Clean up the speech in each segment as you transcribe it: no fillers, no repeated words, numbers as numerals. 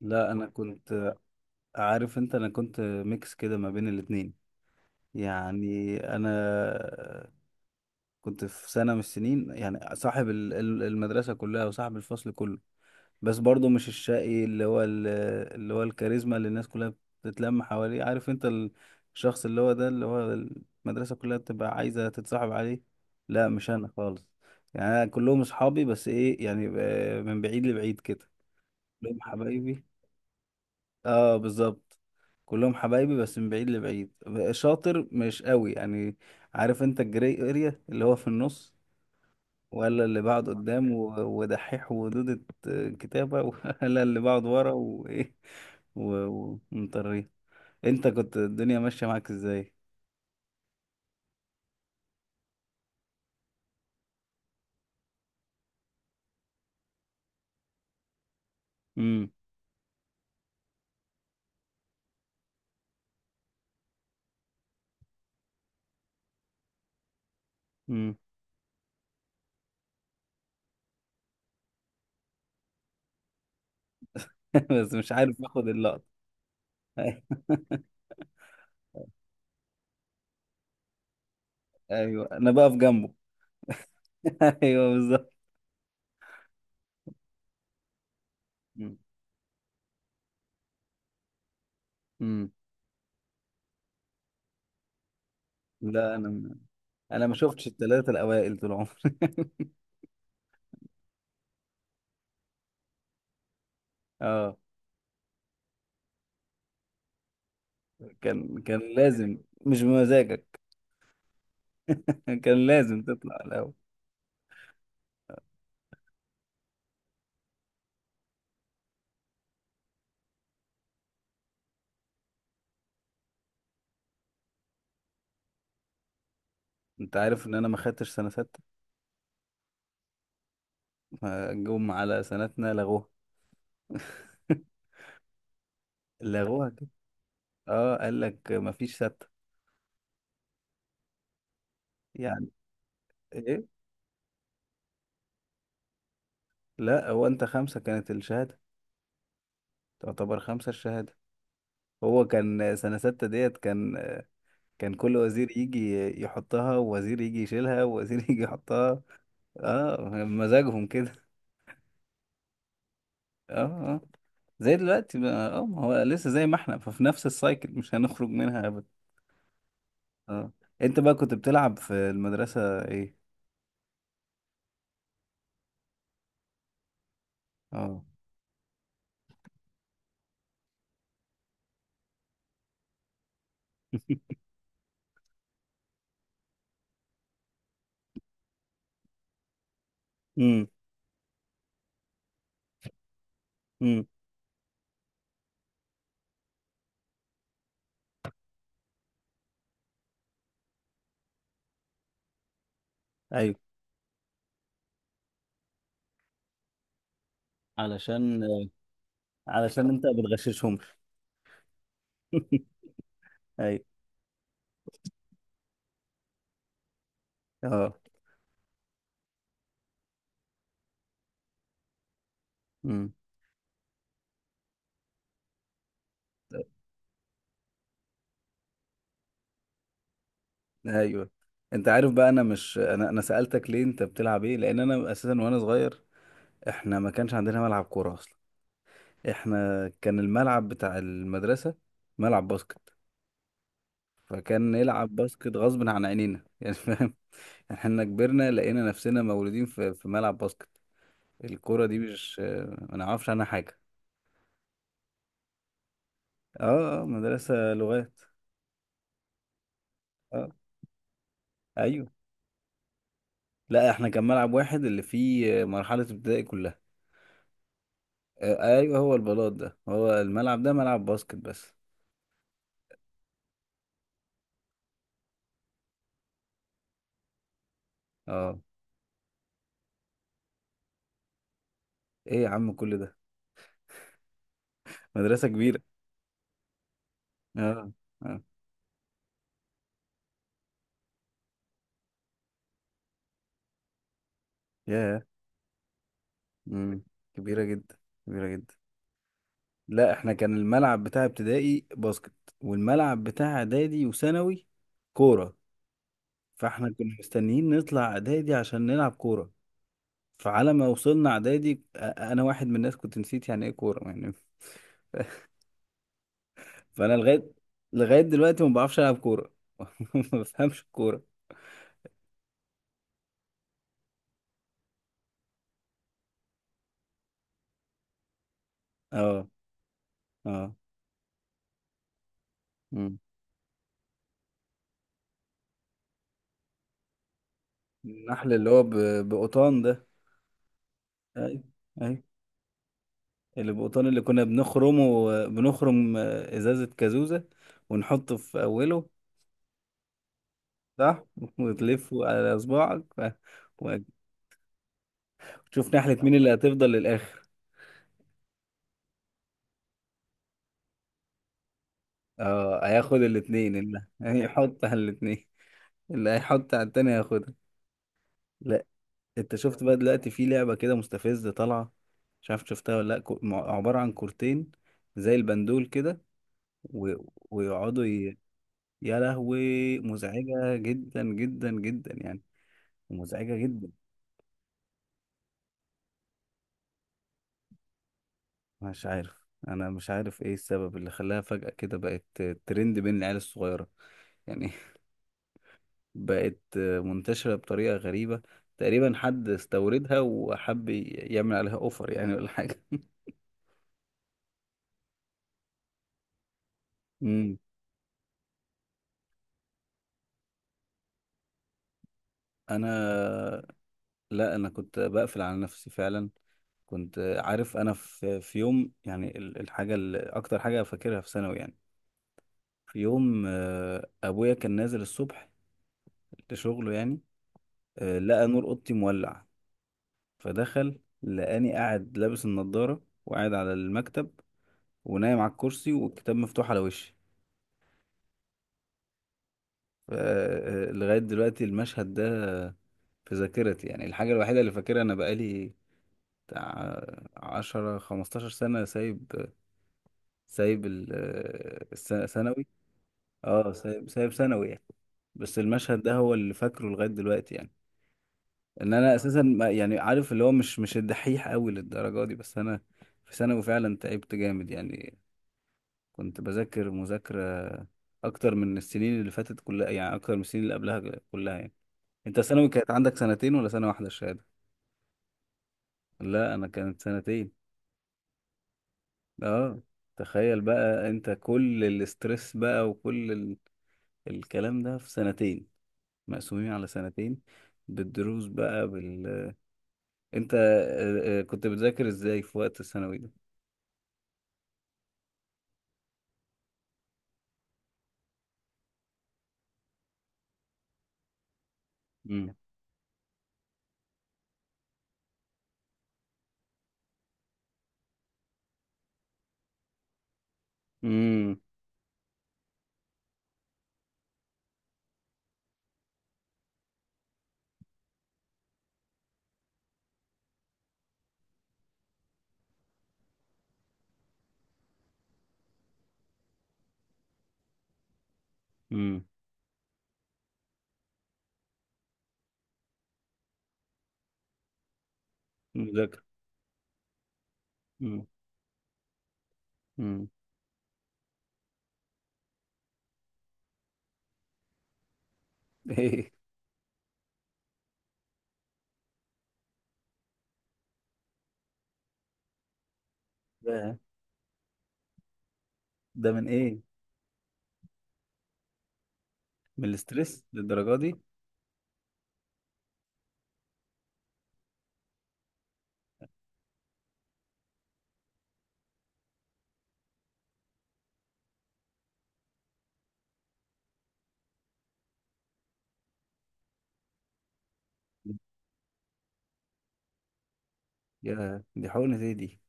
لا، انا كنت عارف انت، انا كنت ميكس كده ما بين الاتنين. يعني انا كنت في سنة من السنين يعني صاحب المدرسة كلها وصاحب الفصل كله. بس برضو مش الشقي اللي هو اللي هو الكاريزما اللي الناس كلها بتتلم حواليه. عارف انت الشخص اللي هو ده اللي هو المدرسة كلها بتبقى عايزة تتصاحب عليه. لا، مش انا خالص. يعني أنا كلهم اصحابي، بس ايه يعني، من بعيد لبعيد كده. كلهم حبايبي. اه بالظبط، كلهم حبايبي بس من بعيد لبعيد. شاطر مش قوي يعني. عارف انت الجري اريا اللي هو في النص، ولا اللي بقعد قدام ودحيح ودودة كتابة ولا اللي بقعد ورا وايه ومطريه. انت كنت الدنيا ماشية معاك ازاي؟ امم. امم. بس مش عارف اخد اللقطة. ايوه انا بقف جنبه. ايوه بالظبط. امم. أمم. لا انا، ما شفتش الثلاثة الاوائل طول عمري. اه، كان لازم. مش بمزاجك. كان لازم تطلع الاول. انت عارف ان انا ما خدتش سنه سته؟ ما جم على سنتنا لغوها. لغوها كده. اه قال لك ما فيش سته. يعني ايه؟ لا، هو انت خمسه كانت الشهاده، تعتبر خمسه الشهاده. هو كان سنه سته ديت، كان كان كل وزير يجي يحطها ووزير يجي يشيلها ووزير يجي يحطها. اه مزاجهم كده. اه زي دلوقتي بقى، اه ما هو لسه زي ما احنا، ففي نفس السايكل مش هنخرج منها ابدا. اه. انت بقى كنت بتلعب في المدرسة ايه؟ اه. امم. امم. ايوه. علشان، علشان انت بتغششهم. ايوه. اه. امم. ايوه. انت عارف بقى، انا مش، انا سألتك ليه انت بتلعب ايه لان انا اساسا وانا صغير احنا ما كانش عندنا ملعب كورة اصلا. احنا كان الملعب بتاع المدرسة ملعب باسكت. فكان نلعب باسكت غصب عن عينينا يعني، فاهم. احنا كبرنا لقينا نفسنا مولودين في ملعب باسكت. الكرة دي مش، ما نعرفش عنها حاجة. اه مدرسة لغات. اه ايوه. لا احنا كان ملعب واحد اللي فيه مرحلة ابتدائي كلها. آه ايوه، هو البلاط ده هو الملعب ده ملعب باسكت بس. اه ايه يا عم كل ده، مدرسة كبيرة. اه. اه. ياه. مم. كبيرة جدا، كبيرة جدا. لا احنا كان الملعب بتاع ابتدائي باسكت، والملعب بتاع اعدادي وثانوي كورة. فاحنا كنا مستنيين نطلع اعدادي عشان نلعب كورة. فعلى ما وصلنا اعدادي انا واحد من الناس كنت نسيت يعني ايه كورة يعني. فانا لغاية دلوقتي ما بعرفش العب كورة. ما بفهمش الكورة. اه. اه. مم. النحل اللي هو بقطان ده. اي. اي. اللي بقطان اللي كنا بنخرمه، بنخرم ازازة كازوزة ونحطه في اوله. صح. وتلف على صباعك وتشوف نحلة مين اللي هتفضل للآخر. اه هياخد الاتنين، اللي هيحط على الاتنين، اللي هيحط على التاني هياخدها. لا، انت شفت بقى دلوقتي في لعبة كده مستفزة طالعة؟ مش عارف شفتها ولا لا، عبارة عن كورتين زي البندول كده، و... ويقعدوا ي... يا لهوي مزعجة جدا جدا جدا يعني. مزعجة جدا. مش عارف. انا مش عارف ايه السبب اللي خلاها فجأة كده بقت ترند بين العيال الصغيرة يعني. بقت منتشرة بطريقة غريبة. تقريبا حد استوردها وحب يعمل عليها اوفر يعني ولا حاجة. امم. انا، لا انا كنت بقفل على نفسي فعلا. كنت عارف انا في يوم، يعني الحاجة اللي اكتر حاجة فاكرها في ثانوي يعني، في يوم، ابويا كان نازل الصبح لشغله يعني، لقى نور اوضتي مولع. فدخل لقاني قاعد لابس النضارة وقاعد على المكتب ونايم على الكرسي والكتاب مفتوح على وشي. لغاية دلوقتي المشهد ده في ذاكرتي، يعني الحاجة الوحيدة اللي فاكرها، أنا بقالي بتاع 10 15 سنة سايب، سايب ثانوي. اه سايب، سايب ثانوي يعني. بس المشهد ده هو اللي فاكره لغاية دلوقتي يعني. ان انا اساسا، يعني عارف اللي هو مش الدحيح قوي للدرجة دي، بس انا في ثانوي فعلا تعبت جامد يعني. كنت بذاكر مذاكرة أكتر من السنين اللي فاتت كلها يعني، أكتر من السنين اللي قبلها كلها يعني. أنت ثانوي كانت عندك سنتين ولا سنة واحدة الشهادة؟ لا أنا كانت سنتين. أه، تخيل بقى أنت كل الاسترس بقى وكل الكلام ده في سنتين، مقسومين على سنتين بالدروس بقى بال. أنت كنت بتذاكر إزاي في وقت الثانوي ده؟ امم. امم. امم. مذاكرة. امم. امم. إيه ده؟ ده من إيه؟ من الاسترس للدرجة دي. يا دي حقنة ايه دي.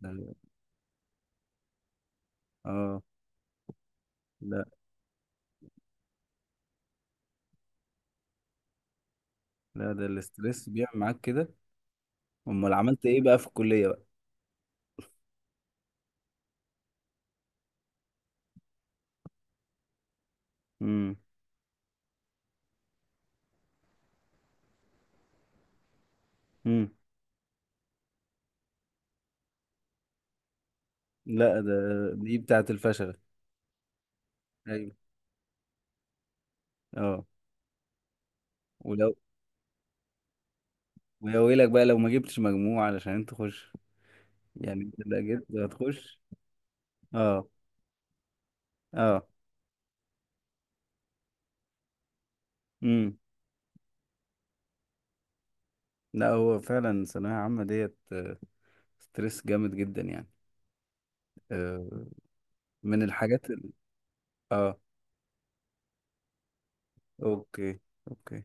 ده- اه. لا لا، ده الاسترس بيعمل معاك كده. امال عملت ايه بقى في الكلية بقى؟ امم. امم. لا ده، دي بتاعة الفشل. ايوه. اه. ولو. ويا ويلك بقى لو ما جبتش مجموع علشان تخش. يعني انت لا جبت هتخش. اه. اه. امم. لا هو فعلا ثانوية عامة ديت، ستريس جامد جدا يعني. آه، من الحاجات اه. اوكي. اوكي.